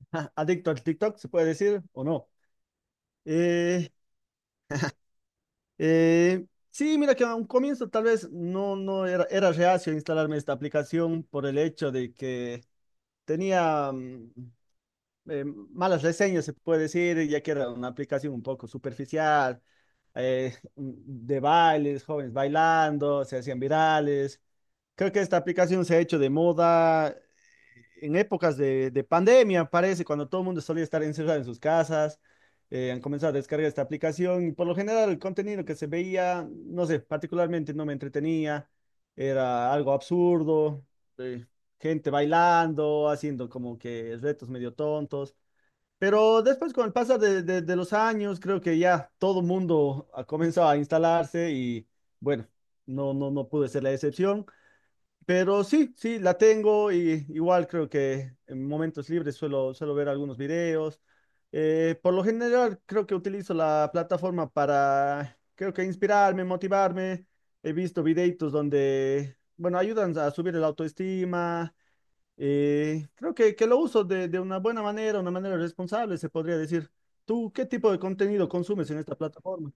Ah, adicto al TikTok, se puede decir o no. Eh, sí, mira que a un comienzo tal vez no era, era reacio a instalarme esta aplicación por el hecho de que tenía malas reseñas, se puede decir, ya que era una aplicación un poco superficial, eh, mm, de bailes, jóvenes bailando, se hacían virales. Creo que esta aplicación se ha hecho de moda en épocas de pandemia, parece, cuando todo el mundo solía estar encerrado en sus casas. Han comenzado a descargar esta aplicación, y por lo general el contenido que se veía, no sé, particularmente no me entretenía, era algo absurdo, eh, gente bailando, haciendo como que retos medio tontos. Pero después con el pasar de los años, creo que ya todo el mundo ha comenzado a instalarse y bueno, no pude ser la excepción. Pero sí, sí, la tengo, y igual creo que en momentos libres suelo ver algunos videos. Por lo general creo que utilizo la plataforma para, creo que inspirarme, motivarme. He visto videitos donde, bueno, ayudan a subir el autoestima. Creo que lo uso de una buena manera, una manera responsable, se podría decir. ¿Tú qué tipo de contenido consumes en esta plataforma?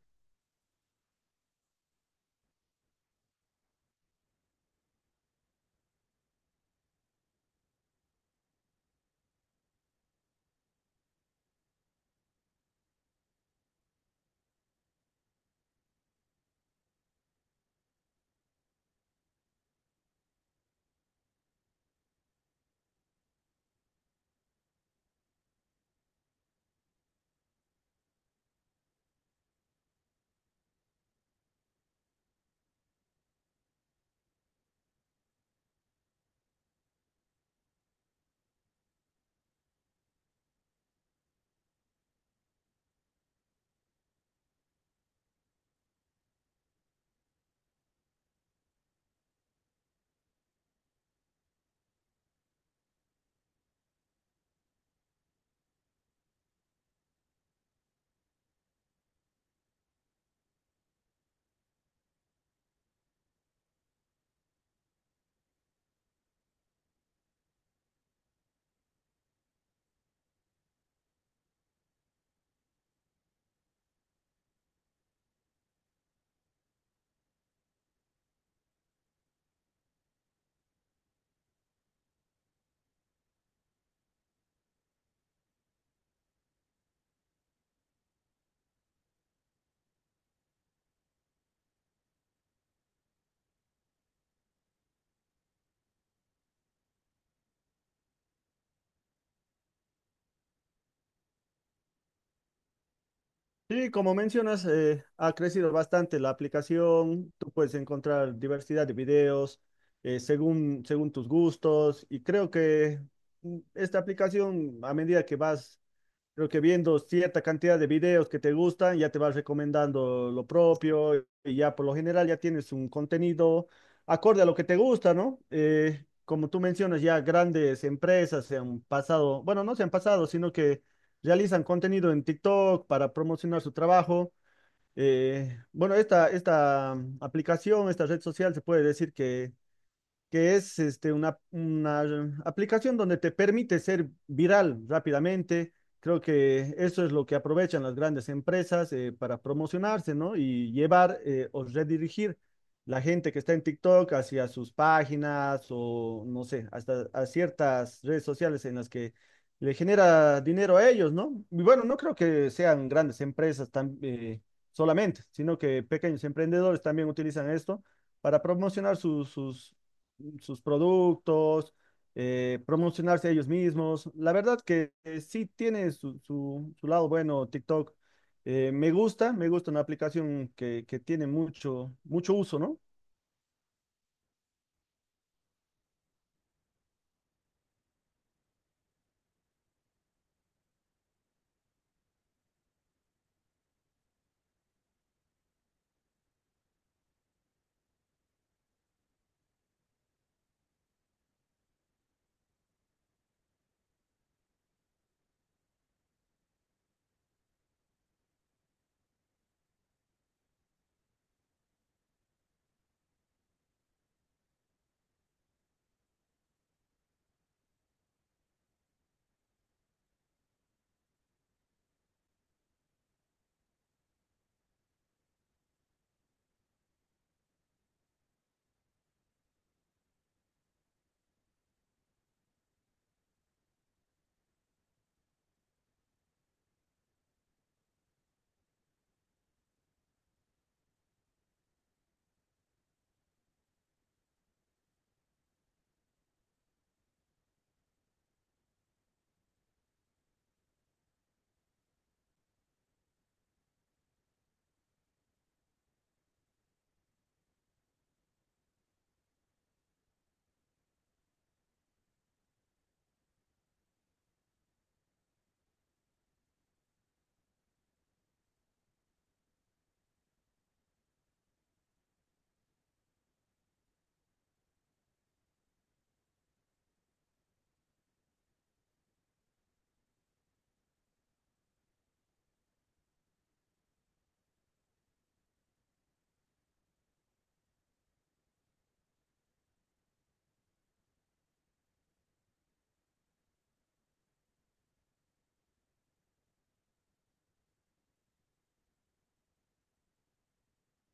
Sí, como mencionas, ha crecido bastante la aplicación. Tú puedes encontrar diversidad de videos según tus gustos, y creo que esta aplicación, a medida que vas, creo que viendo cierta cantidad de videos que te gustan, ya te vas recomendando lo propio, y ya por lo general ya tienes un contenido acorde a lo que te gusta, ¿no? Como tú mencionas, ya grandes empresas se han pasado, bueno, no se han pasado, sino que realizan contenido en TikTok para promocionar su trabajo. Bueno, esta aplicación, esta red social, se puede decir que es este, una aplicación donde te permite ser viral rápidamente. Creo que eso es lo que aprovechan las grandes empresas para promocionarse, ¿no? Y llevar o redirigir la gente que está en TikTok hacia sus páginas o, no sé, hasta a ciertas redes sociales en las que le genera dinero a ellos, ¿no? Y bueno, no creo que sean grandes empresas tan, solamente, sino que pequeños emprendedores también utilizan esto para promocionar sus productos, promocionarse ellos mismos. La verdad que sí tiene su, su lado bueno TikTok. Me gusta una aplicación que tiene mucho, mucho uso, ¿no?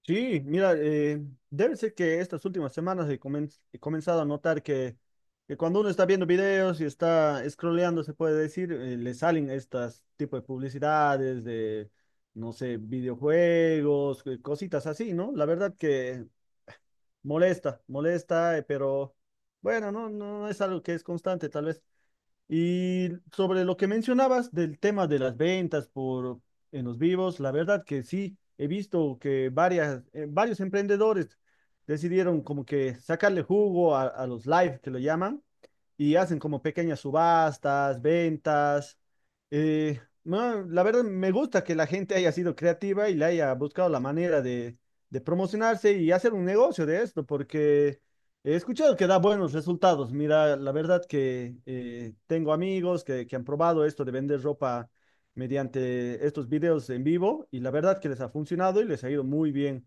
Sí, mira, debe ser que estas últimas semanas he, he comenzado a notar que cuando uno está viendo videos y está scrolleando, se puede decir, le salen estas tipo de publicidades de, no sé, videojuegos, cositas así, ¿no? La verdad que molesta, molesta, pero bueno, no es algo que es constante, tal vez. Y sobre lo que mencionabas del tema de las ventas por en los vivos, la verdad que sí, he visto que varias, varios emprendedores decidieron como que sacarle jugo a los live, que lo llaman, y hacen como pequeñas subastas, ventas. Eh, no, la verdad me gusta que la gente haya sido creativa y le haya buscado la manera de promocionarse y hacer un negocio de esto, porque he escuchado que da buenos resultados. Mira, la verdad que tengo amigos que han probado esto de vender ropa mediante estos videos en vivo, y la verdad que les ha funcionado y les ha ido muy bien.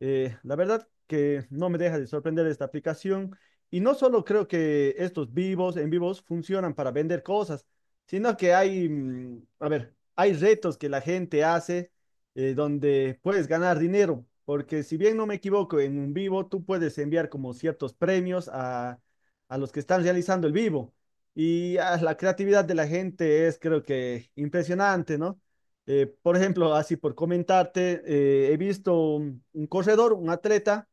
La verdad que no me deja de sorprender esta aplicación, y no solo creo que estos vivos en vivos funcionan para vender cosas, sino que hay, mm, a ver, hay retos que la gente hace donde puedes ganar dinero, porque si bien no me equivoco, en un vivo tú puedes enviar como ciertos premios a los que están realizando el vivo. Y ah, la creatividad de la gente es creo que impresionante, ¿no? Por ejemplo, así por comentarte, he visto un corredor, un atleta,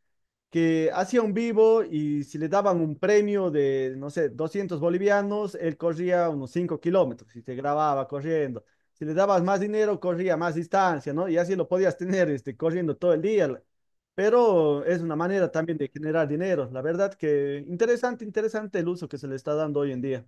que hacía un vivo, y si le daban un premio de, no sé, 200 bolivianos, él corría unos 5 kilómetros y te grababa corriendo. Si le dabas más dinero, corría más distancia, ¿no? Y así lo podías tener, este, corriendo todo el día. Pero es una manera también de generar dinero. La verdad que interesante, interesante el uso que se le está dando hoy en día.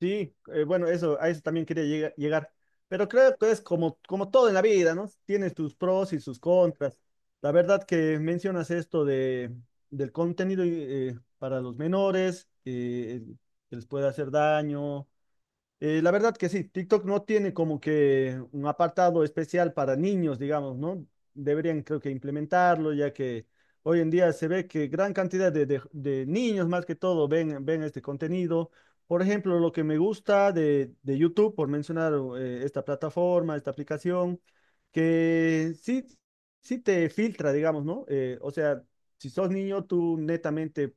Sí, bueno, eso, a eso también quería llegar. Pero creo que es como, como todo en la vida, ¿no? Tienes tus pros y sus contras. La verdad que mencionas esto de, del contenido para los menores, que les puede hacer daño, la verdad que sí, TikTok no tiene como que un apartado especial para niños, digamos, ¿no? Deberían creo que implementarlo, ya que hoy en día se ve que gran cantidad de niños más que todo ven, ven este contenido. Por ejemplo, lo que me gusta de YouTube, por mencionar esta plataforma, esta aplicación, que sí, sí te filtra, digamos, ¿no? O sea, si sos niño, tú netamente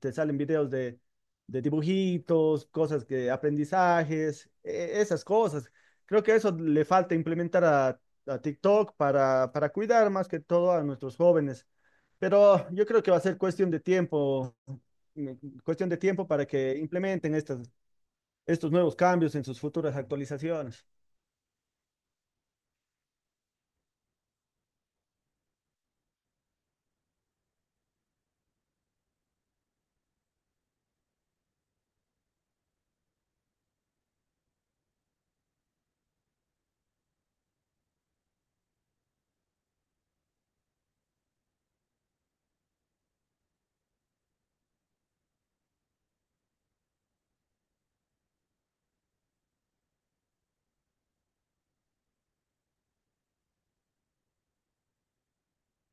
te salen videos de dibujitos, cosas que aprendizajes, esas cosas. Creo que eso le falta implementar a TikTok para cuidar más que todo a nuestros jóvenes. Pero yo creo que va a ser cuestión de tiempo, mm, cuestión de tiempo para que implementen estas, estos nuevos cambios en sus futuras actualizaciones.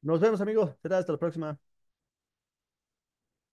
Nos vemos, amigos. Será hasta la próxima.